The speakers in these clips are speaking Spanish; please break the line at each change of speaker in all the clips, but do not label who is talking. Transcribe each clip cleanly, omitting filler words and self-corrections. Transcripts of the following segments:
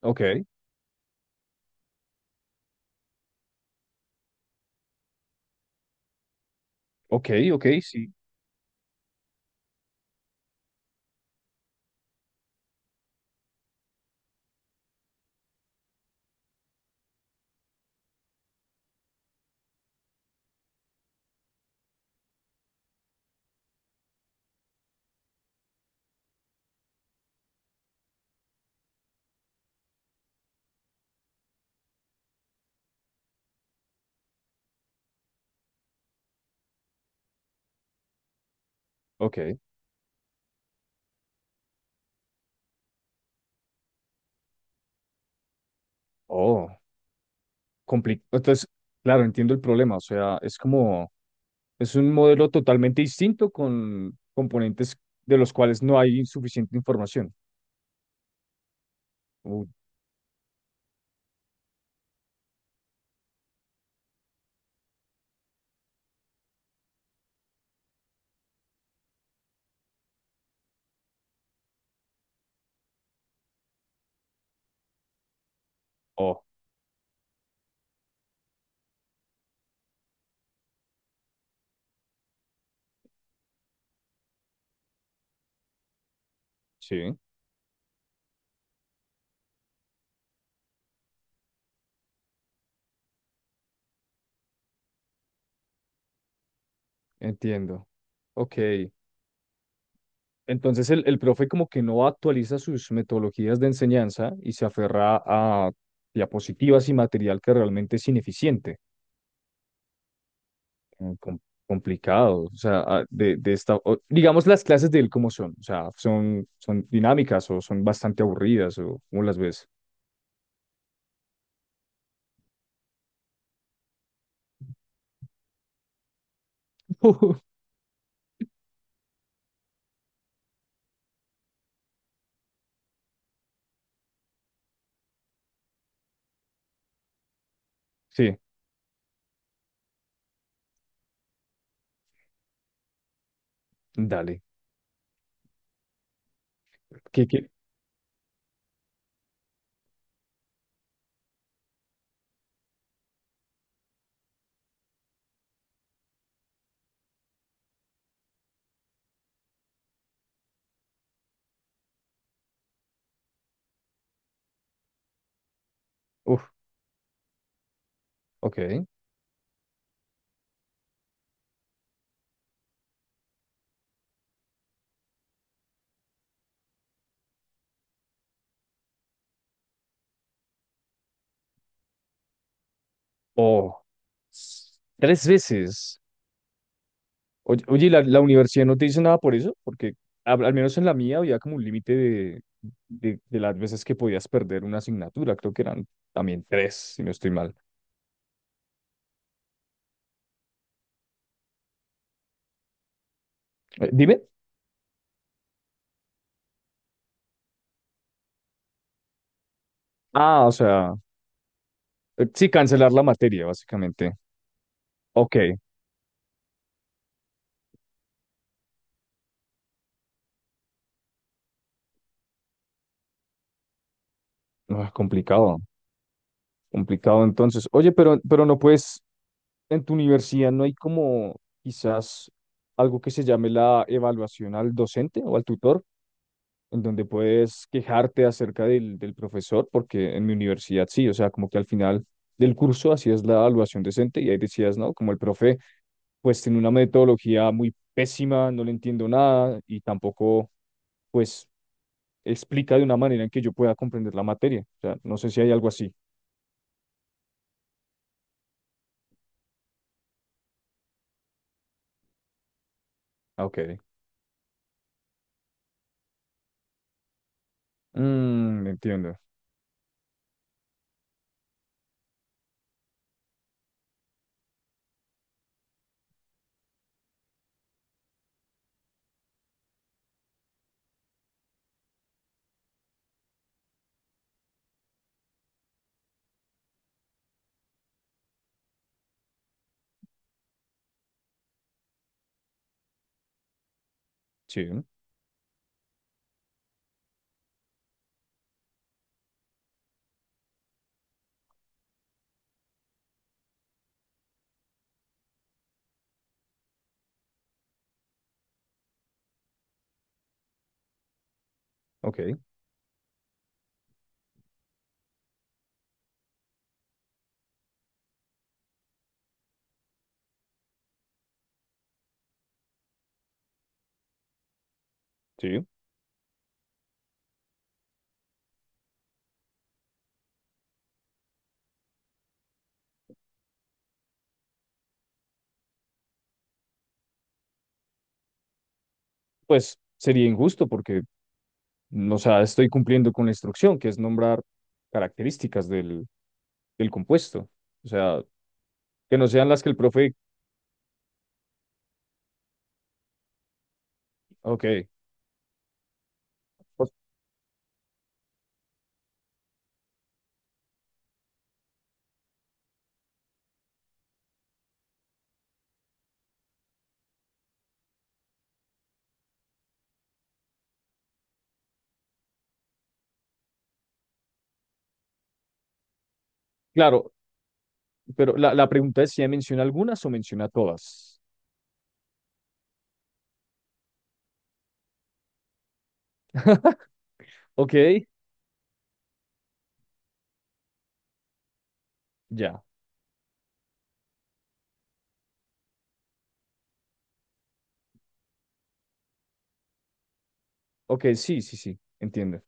Ok, ok, ok, sí, ok. Oh, complicado. Entonces, claro, entiendo el problema. O sea, es como, es un modelo totalmente distinto con componentes de los cuales no hay suficiente información. Uh, oh, sí, entiendo. Ok. Entonces, el profe como que no actualiza sus metodologías de enseñanza y se aferra a diapositivas y material que realmente es ineficiente. mm, com- Complicado. O sea, ah, de esta, digamos las clases de él como son. O sea, son dinámicas o son bastante aburridas o cómo las ves. Sí, dale. ¿Qué, qué? Uf, ok. Oh, tres veces. Oye, oye, ¿y la universidad no te dice nada por eso? Porque al menos en la mía había como un límite de las veces que podías perder una asignatura. Creo que eran también tres, si no estoy mal. Dime. Ah, o sea, sí, cancelar la materia, básicamente. Ok, no, es complicado, complicado entonces. Oye, pero no puedes, en tu universidad no hay como quizás algo que se llame la evaluación al docente o al tutor, en donde puedes quejarte acerca del profesor, porque en mi universidad sí, o sea, como que al final del curso hacías la evaluación decente y ahí decías, no, como el profe, pues tiene una metodología muy pésima, no le entiendo nada y tampoco, pues, explica de una manera en que yo pueda comprender la materia. O sea, no sé si hay algo así. Ah, ok. Mm, entiendo. Sí, ok, sí. Pues sería injusto porque, o sea, estoy cumpliendo con la instrucción, que es nombrar características del compuesto. O sea, que no sean las que el profe... Ok, pues, claro, pero la pregunta es si ya menciona algunas o menciona todas. Ok, ya. Ok, sí, sí, sí, entiendo.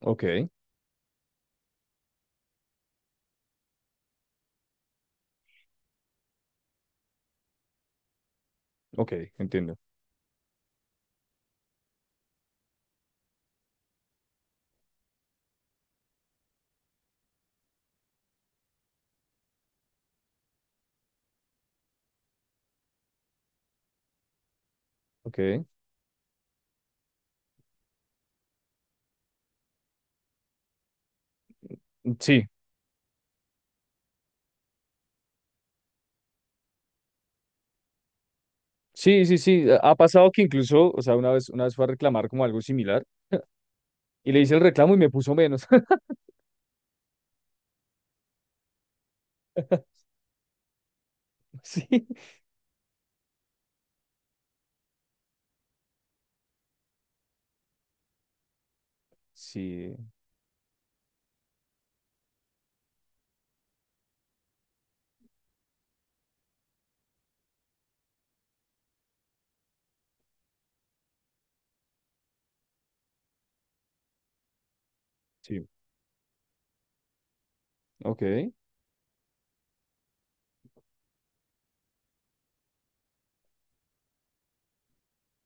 Ok, ok, entiendo. Ok, sí, sí, sí, sí. Ha pasado que incluso, o sea, una vez fue a reclamar como algo similar y le hice el reclamo y me puso menos. Sí, sí, sí, ok.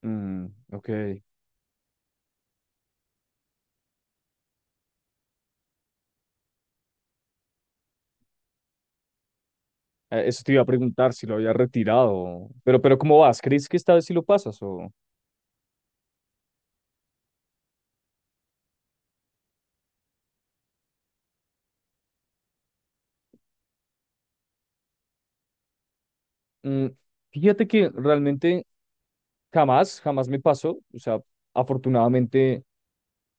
Mm, ok. Eso te iba a preguntar si lo había retirado. Pero ¿cómo vas? ¿Crees que esta vez sí lo pasas? O... Mm, fíjate que realmente jamás, jamás me pasó. O sea, afortunadamente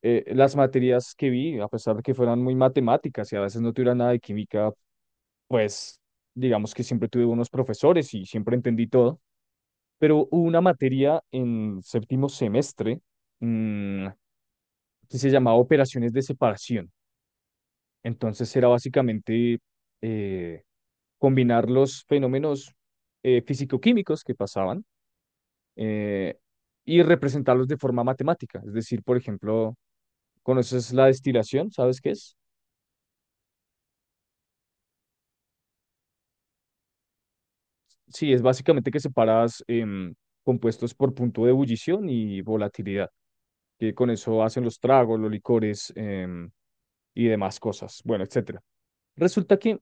las materias que vi, a pesar de que fueran muy matemáticas y a veces no tuviera nada de química, pues digamos que siempre tuve unos profesores y siempre entendí todo. Pero hubo una materia en séptimo semestre mm, que se llamaba operaciones de separación. Entonces era básicamente eh, combinar los fenómenos físico-químicos que pasaban eh, y representarlos de forma matemática. Es decir, por ejemplo, ¿conoces la destilación? ¿Sabes qué es? Sí, es básicamente que separas compuestos por punto de ebullición y volatilidad, que con eso hacen los tragos, los licores y demás cosas, bueno, etcétera. Resulta que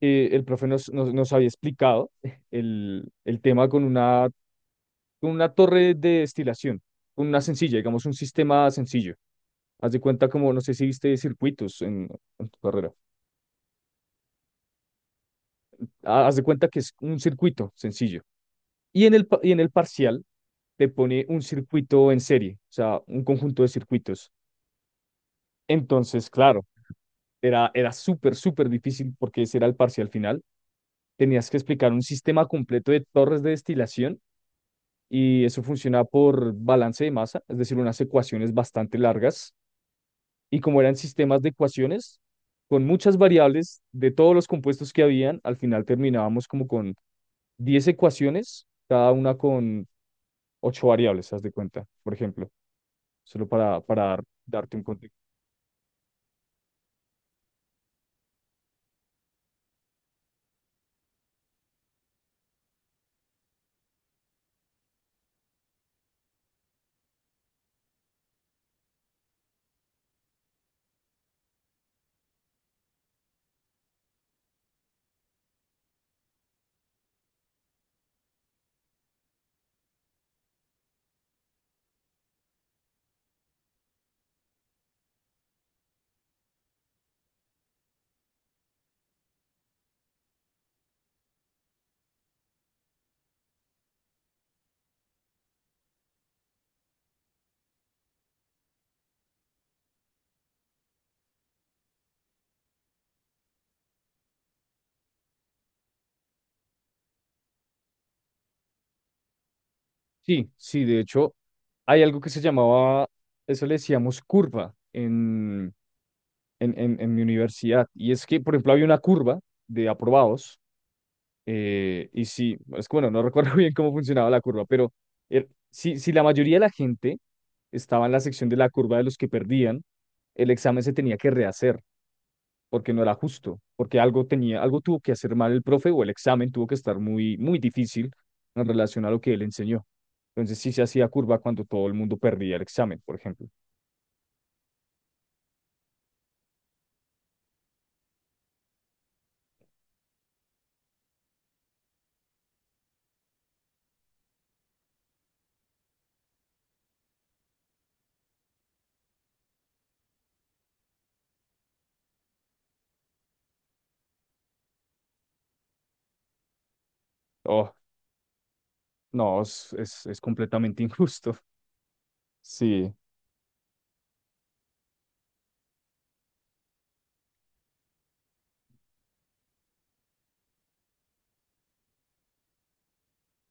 el profe nos había explicado el tema con una torre de destilación, con una sencilla, digamos un sistema sencillo. Haz de cuenta como, no sé si viste circuitos en tu carrera. Ah, haz de cuenta que es un circuito sencillo. Y en el parcial te pone un circuito en serie, o sea, un conjunto de circuitos. Entonces, claro, era súper, súper difícil porque ese era el parcial final. Tenías que explicar un sistema completo de torres de destilación y eso funciona por balance de masa, es decir, unas ecuaciones bastante largas. Y como eran sistemas de ecuaciones, con muchas variables de todos los compuestos que habían, al final terminábamos como con 10 ecuaciones, cada una con 8 variables, haz de cuenta, por ejemplo, solo para darte un contexto. Sí, sí, de hecho, hay algo que se llamaba, eso le decíamos curva en mi universidad, y es que, por ejemplo, había una curva de aprobados. Y sí, es que bueno, no recuerdo bien cómo funcionaba la curva, pero si la mayoría de la gente estaba en la sección de la curva de los que perdían, el examen se tenía que rehacer porque no era justo, porque algo tenía, algo tuvo que hacer mal el profe o el examen tuvo que estar muy, muy difícil en relación a lo que él enseñó. Entonces sí se hacía curva cuando todo el mundo perdía el examen, por ejemplo. Oh, no, es completamente injusto. Sí.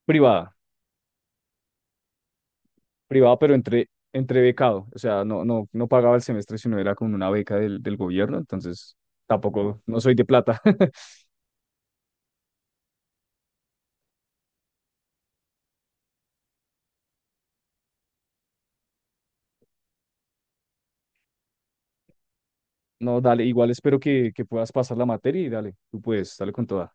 Privada. Privado, pero entre becado. O sea, no, no, no pagaba el semestre, sino era con una beca del gobierno. Entonces, tampoco, no soy de plata. No, dale, igual espero que puedas pasar la materia y dale, tú puedes, dale con toda.